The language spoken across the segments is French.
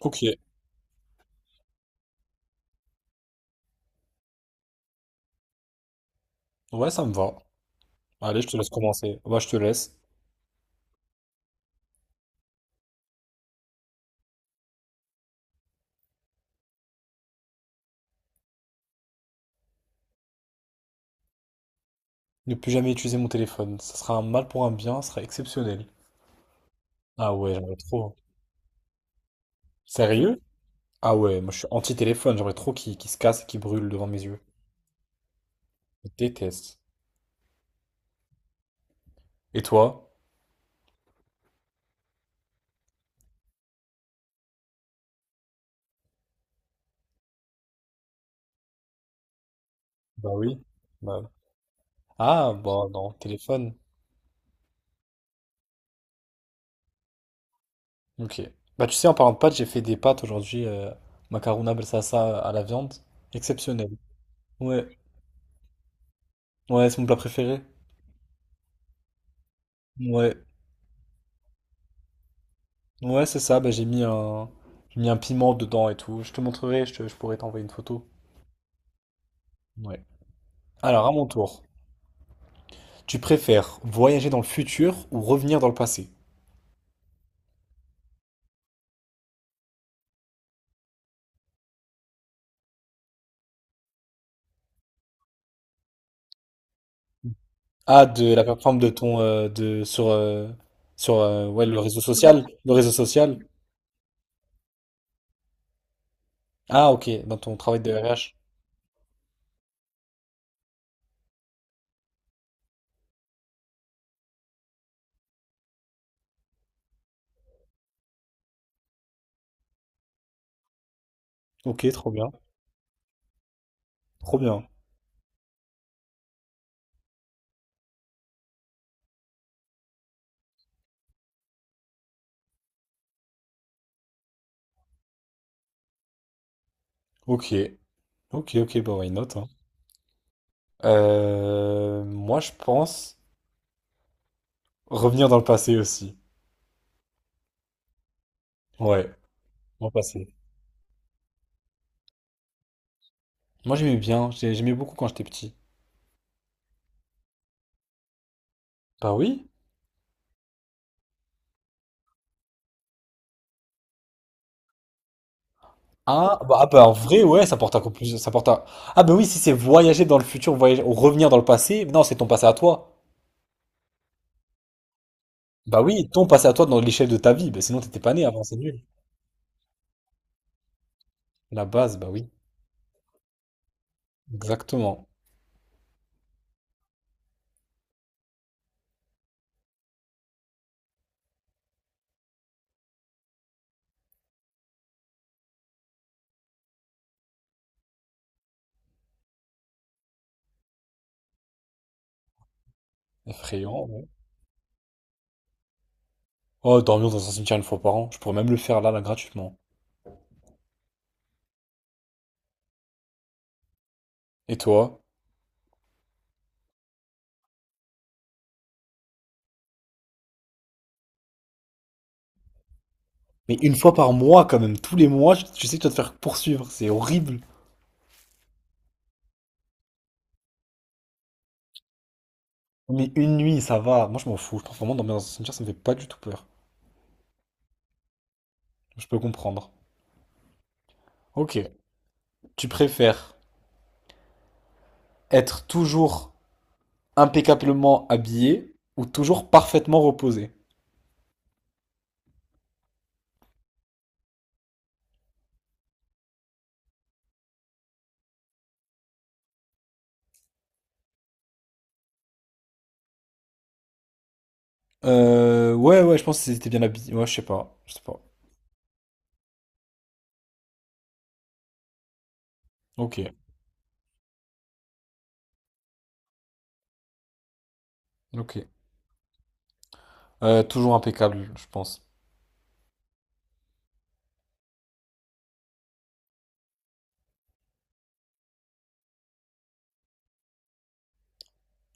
Ok, ouais, ça me va. Allez, je te laisse commencer. Bah, je te laisse. Ne plus jamais utiliser mon téléphone. Ça sera un mal pour un bien, ça sera exceptionnel. Ah ouais, j'aimerais trop. Sérieux? Ah ouais, moi je suis anti-téléphone, j'aimerais trop qu'il se casse et qu'il brûle devant mes yeux. Je déteste. Et toi? Bah oui. Bah oui. Ah, bah non, téléphone. Ok. Bah tu sais, en parlant de pâtes, j'ai fait des pâtes aujourd'hui, macarona balsassa à la viande. Exceptionnel. Ouais, ouais, c'est mon plat préféré. Ouais. Ouais, c'est ça, bah, j'ai mis un piment dedans et tout. Je te montrerai, je pourrais t'envoyer une photo. Ouais. Alors, à mon tour, tu préfères voyager dans le futur ou revenir dans le passé? Ah, de la plateforme de ton de sur sur ouais, le réseau social, le réseau social. Ah, OK, dans ton travail de RH. OK, trop bien. Trop bien. OK. OK, OK, bah why not, hein. Moi, je pense revenir dans le passé aussi. Ouais, dans le passé. Moi, j'aimais bien, j'aimais beaucoup quand j'étais petit. Bah oui. Ah bah, en vrai ouais ça porte un coup plus ça porte un... Ah bah oui, si c'est voyager dans le futur voyager ou revenir dans le passé, non, c'est ton passé à toi. Bah oui, ton passé à toi dans l'échelle de ta vie. Bah sinon t'étais pas né avant, c'est nul. La base, bah oui. Exactement. Effrayant, ouais. Oh, dormir dans un cimetière 1 fois par an, je pourrais même le faire là gratuitement. Et toi? Mais 1 fois par mois quand même, tous les mois, tu sais que tu vas te faire poursuivre, c'est horrible. Mais une nuit ça va, moi je m'en fous, je pense vraiment, dormir dans un cimetière, ça me fait pas du tout peur. Je peux comprendre. Ok, tu préfères être toujours impeccablement habillé ou toujours parfaitement reposé? Ouais, ouais, je pense qu'ils étaient bien habillés. Ouais, je sais pas, je sais pas. Ok, ok. Toujours impeccable, je pense.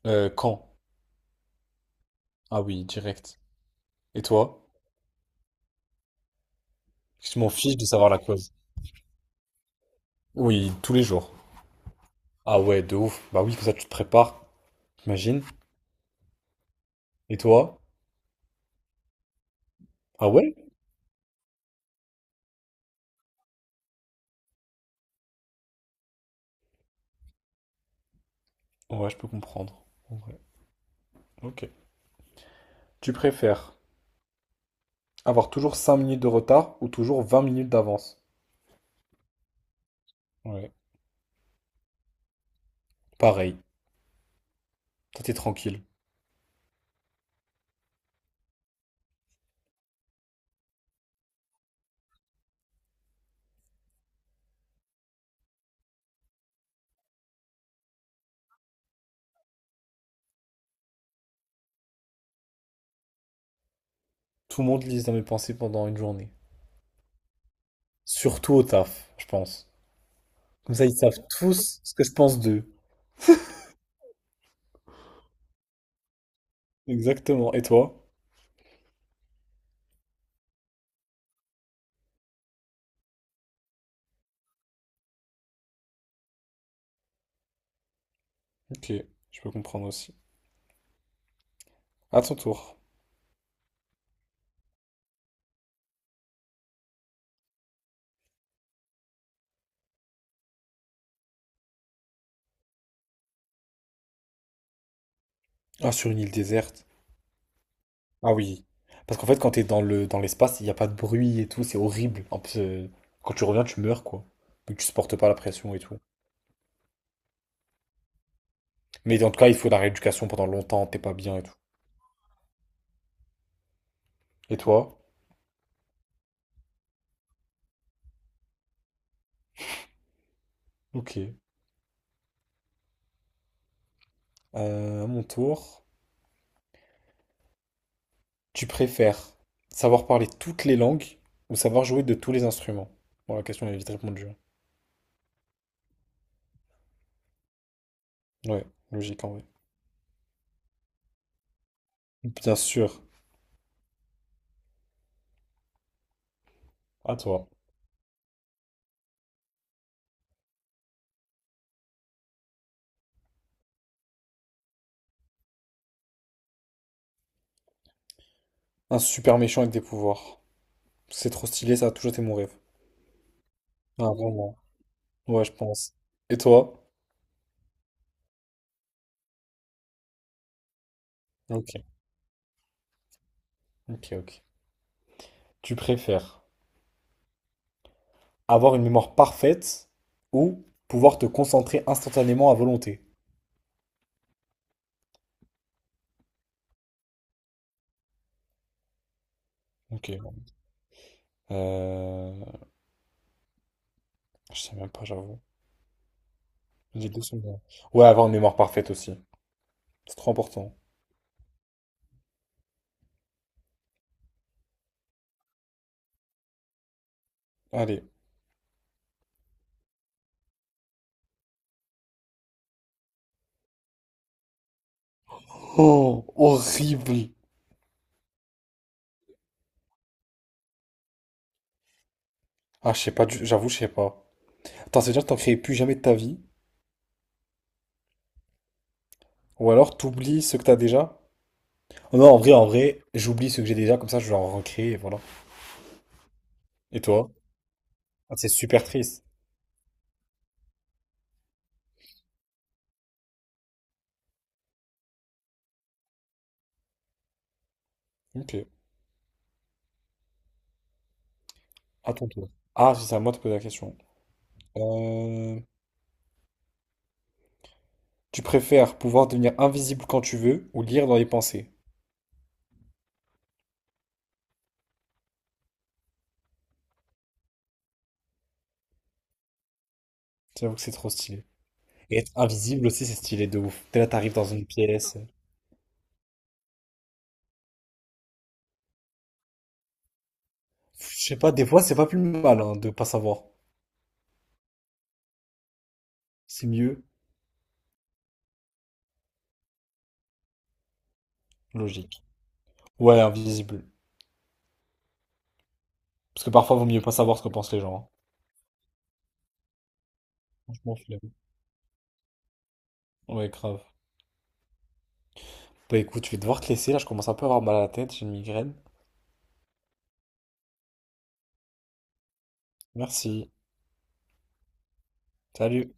Quand? Ah oui, direct. Et toi? Je m'en fiche de savoir la cause. Oui, tous les jours. Ah ouais, de ouf. Bah oui, comme ça tu te prépares, t'imagines. Et toi? Ah ouais? Ouais, je peux comprendre. En vrai. Ok. Tu préfères avoir toujours 5 minutes de retard ou toujours 20 minutes d'avance? Ouais. Pareil. Toi, t'es tranquille. Tout le monde lise dans mes pensées pendant une journée. Surtout au taf, je pense. Comme ça, ils savent tous ce que je pense d'eux. Exactement. Et toi? Ok, je peux comprendre aussi. À ton tour. Ah, sur une île déserte. Ah oui. Parce qu'en fait, quand t'es dans l'espace, il n'y a pas de bruit et tout, c'est horrible. En plus, quand tu reviens, tu meurs, quoi. Vu tu supportes pas la pression et tout. Mais en tout cas, il faut de la rééducation pendant longtemps, t'es pas bien et tout. Et toi? Ok. À mon tour. Tu préfères savoir parler toutes les langues ou savoir jouer de tous les instruments? Bon, la question elle est vite répondue, hein. Ouais, logique en vrai. Bien sûr, à toi. Un super méchant avec des pouvoirs. C'est trop stylé, ça a toujours été mon rêve. Ah, vraiment. Ouais, je pense. Et toi? Ok, ok, ok. Tu préfères avoir une mémoire parfaite ou pouvoir te concentrer instantanément à volonté? Ok. Euh... je sais même pas, j'avoue. Les deux sont bons. Ouais, avoir une mémoire parfaite aussi. C'est trop important. Allez. Oh, horrible. Ah, je sais pas, j'avoue, je sais pas. Attends, ça veut dire que t'en crées plus jamais de ta vie? Ou alors t'oublies ceux que t'as déjà? Non, en vrai, j'oublie ceux que j'ai déjà, comme ça je vais en recréer, et voilà. Et toi? Ah, c'est super triste. Ok, à ton tour. Ah, si, c'est à moi de poser la question. Euh, tu préfères pouvoir devenir invisible quand tu veux ou lire dans les pensées? J'avoue que c'est trop stylé. Et être invisible aussi, c'est stylé de ouf. Dès là, t'arrives dans une pièce. Je sais pas, des fois, c'est pas plus mal hein, de pas savoir. C'est mieux, logique. Ouais, invisible. Parce que parfois, vaut mieux pas savoir ce que pensent les gens, hein. Franchement, flemme. Ouais, grave. Bah écoute, je vais devoir te laisser. Là, je commence un peu à avoir mal à la tête. J'ai une migraine. Merci. Salut.